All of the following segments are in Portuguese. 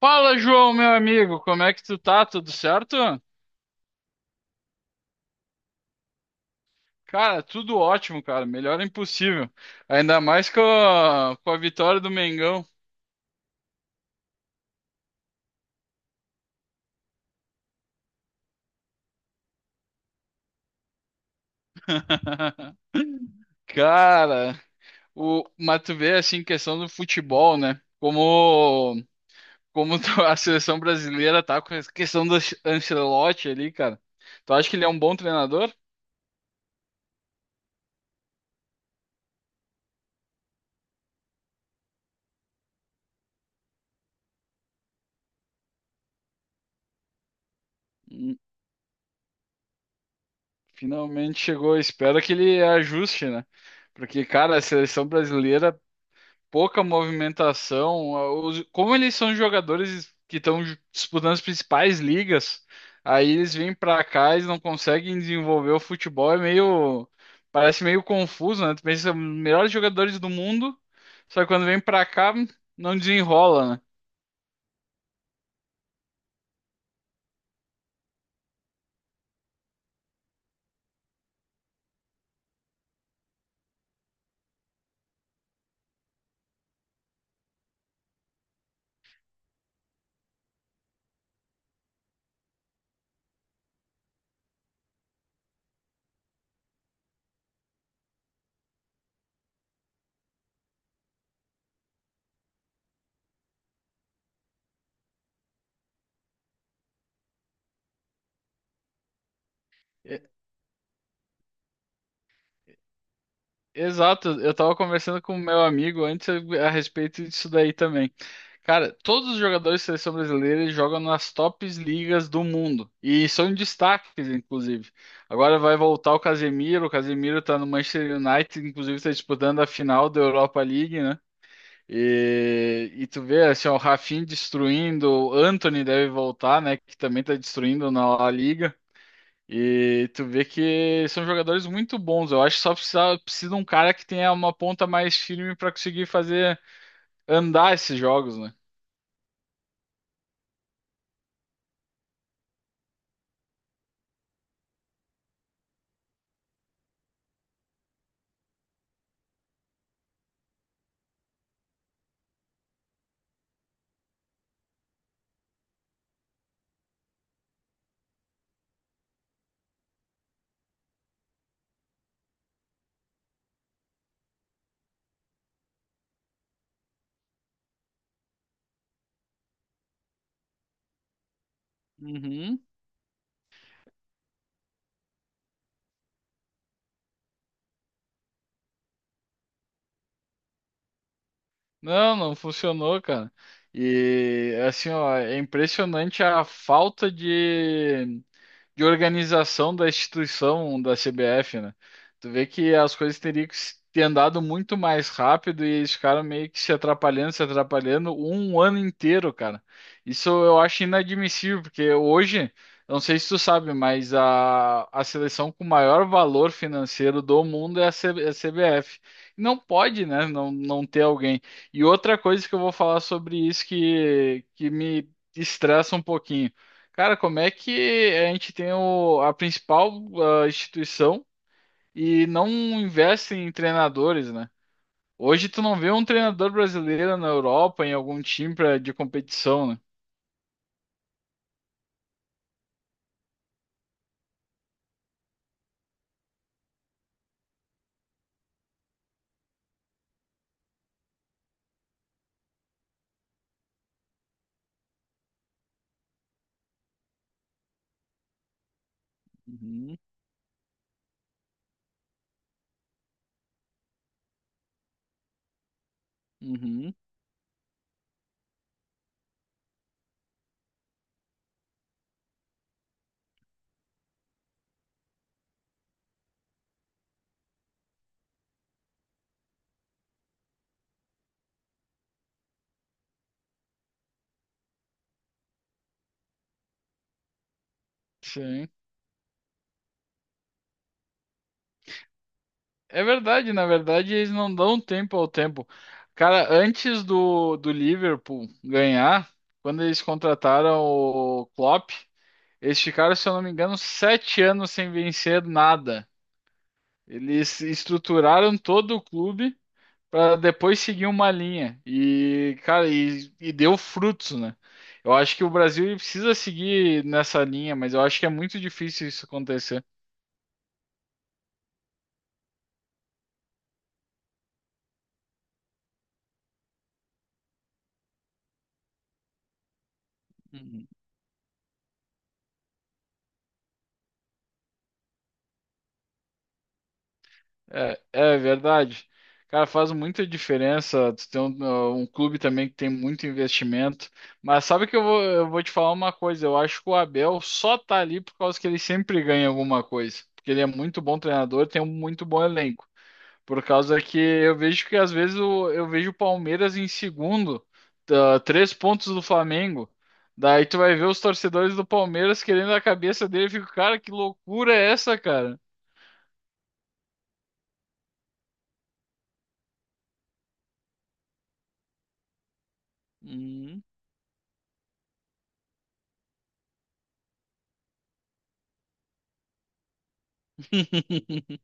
Fala, João, meu amigo, como é que tu tá? Tudo certo? Cara, tudo ótimo, cara. Melhor é impossível. Ainda mais com a vitória do Mengão. Cara, o, mas tu vê assim, questão do futebol, né? Como a seleção brasileira tá com essa questão do Ancelotti ali, cara. Tu acha que ele é um bom treinador? Hum, Finalmente chegou. Espero que ele ajuste, né? Porque, cara, a seleção brasileira, pouca movimentação. Como eles são jogadores que estão disputando as principais ligas, aí eles vêm pra cá, e não conseguem desenvolver o futebol, é meio, parece meio confuso, né? Tu pensa, melhores jogadores do mundo, só que quando vem pra cá, não desenrola, né? Exato, eu tava conversando com o meu amigo antes a respeito disso daí também. Cara, todos os jogadores de seleção brasileira eles jogam nas tops ligas do mundo e são destaques, inclusive. Agora vai voltar o Casemiro tá no Manchester United, inclusive tá disputando a final da Europa League, né? E tu vê assim, ó, o Rafinha destruindo, o Antony deve voltar, né? Que também tá destruindo na La Liga. E tu vê que são jogadores muito bons. Eu acho que só precisa de um cara que tenha uma ponta mais firme para conseguir fazer andar esses jogos, né? Uhum. Não, não funcionou, cara. E assim, ó, é impressionante a falta de organização da instituição da CBF, né? Tu vê que as coisas teriam que ter andado muito mais rápido e eles ficaram meio que se atrapalhando, se atrapalhando um ano inteiro, cara. Isso eu acho inadmissível, porque hoje, não sei se tu sabe, mas a seleção com maior valor financeiro do mundo é a, é a CBF. Não pode, né, não ter alguém. E outra coisa que eu vou falar sobre isso que me estressa um pouquinho. Cara, como é que a gente tem o, a principal instituição e não investe em treinadores, né? Hoje tu não vê um treinador brasileiro na Europa, em algum time pra, de competição, né? Uhum, uhum. Sim. É verdade, na verdade eles não dão tempo ao tempo. Cara, antes do Liverpool ganhar, quando eles contrataram o Klopp, eles ficaram, se eu não me engano, 7 anos sem vencer nada. Eles estruturaram todo o clube para depois seguir uma linha. E, cara, e deu frutos, né? Eu acho que o Brasil ele precisa seguir nessa linha, mas eu acho que é muito difícil isso acontecer. É, é verdade. Cara, faz muita diferença tu ter um, um clube também que tem muito investimento. Mas sabe que eu vou te falar uma coisa, eu acho que o Abel só tá ali por causa que ele sempre ganha alguma coisa. Porque ele é muito bom treinador, tem um muito bom elenco. Por causa que eu vejo que às vezes eu vejo o Palmeiras em segundo, tá, três pontos do Flamengo. Daí tu vai ver os torcedores do Palmeiras querendo a cabeça dele, eu fico, cara, que loucura é essa, cara? Hum.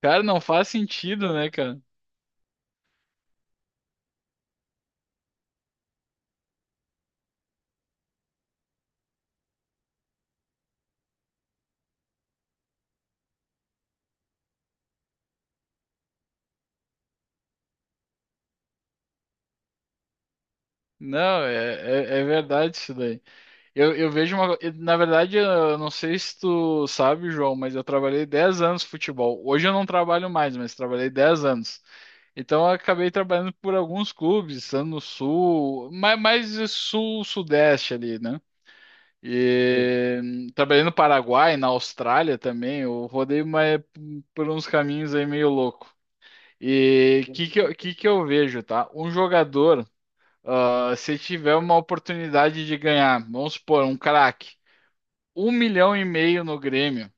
Cara, não faz sentido, né, cara? Não, é, é, é verdade isso daí. Eu vejo uma. Na verdade, eu não sei se tu sabe, João, mas eu trabalhei 10 anos com futebol. Hoje eu não trabalho mais, mas trabalhei 10 anos. Então eu acabei trabalhando por alguns clubes, estando no sul, mais sul-sudeste ali, né? E trabalhei no Paraguai, na Austrália também. Eu rodei mais por uns caminhos aí meio louco. E o que que eu vejo, tá? Um jogador. Ah, se tiver uma oportunidade de ganhar, vamos supor, um craque, um milhão e meio no Grêmio,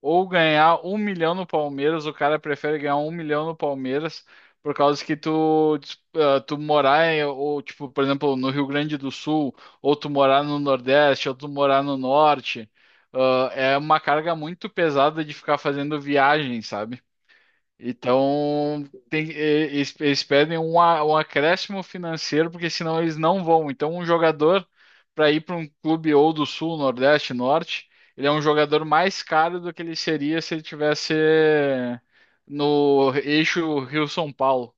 ou ganhar um milhão no Palmeiras, o cara prefere ganhar um milhão no Palmeiras por causa que tu, ah, tu morar em, ou tipo, por exemplo, no Rio Grande do Sul, ou tu morar no Nordeste, ou tu morar no Norte, ah, é uma carga muito pesada de ficar fazendo viagem, sabe? Então, eles, eles pedem um, um acréscimo financeiro, porque senão eles não vão. Então, um jogador, para ir para um clube ou do Sul, Nordeste, Norte, ele é um jogador mais caro do que ele seria se ele tivesse no eixo Rio-São Paulo.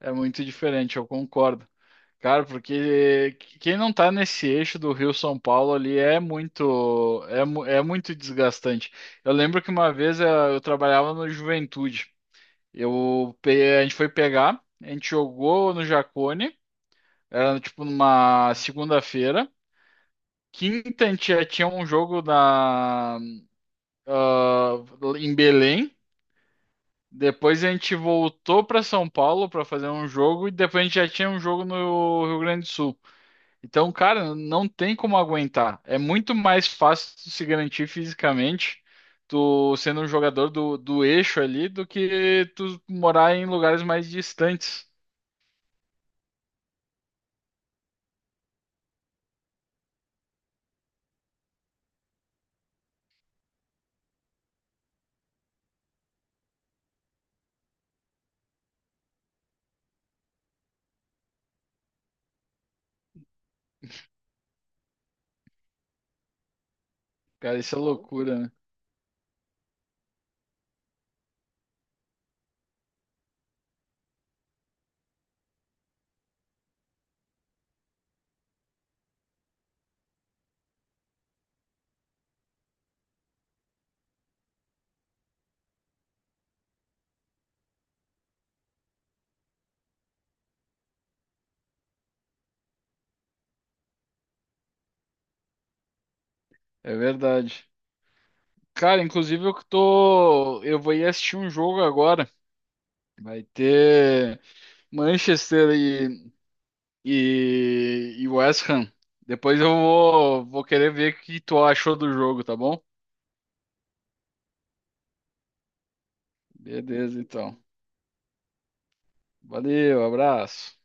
É muito diferente, eu concordo. Cara, porque quem não tá nesse eixo do Rio-São Paulo ali é muito, é, é muito desgastante. Eu lembro que uma vez eu, trabalhava no Juventude. Eu, a gente foi pegar, a gente jogou no Jacone, era tipo numa segunda-feira. Quinta a gente já tinha um jogo na, ah, em Belém. Depois a gente voltou para São Paulo para fazer um jogo e depois a gente já tinha um jogo no Rio Grande do Sul. Então, cara, não tem como aguentar. É muito mais fácil tu se garantir fisicamente, tu sendo um jogador do eixo ali, do que tu morar em lugares mais distantes. Cara, isso é loucura, né? É verdade. Cara, inclusive eu que tô. Eu vou ir assistir um jogo agora. Vai ter Manchester e West Ham. Depois eu vou querer ver o que tu achou do jogo, tá bom? Beleza, então. Valeu, abraço.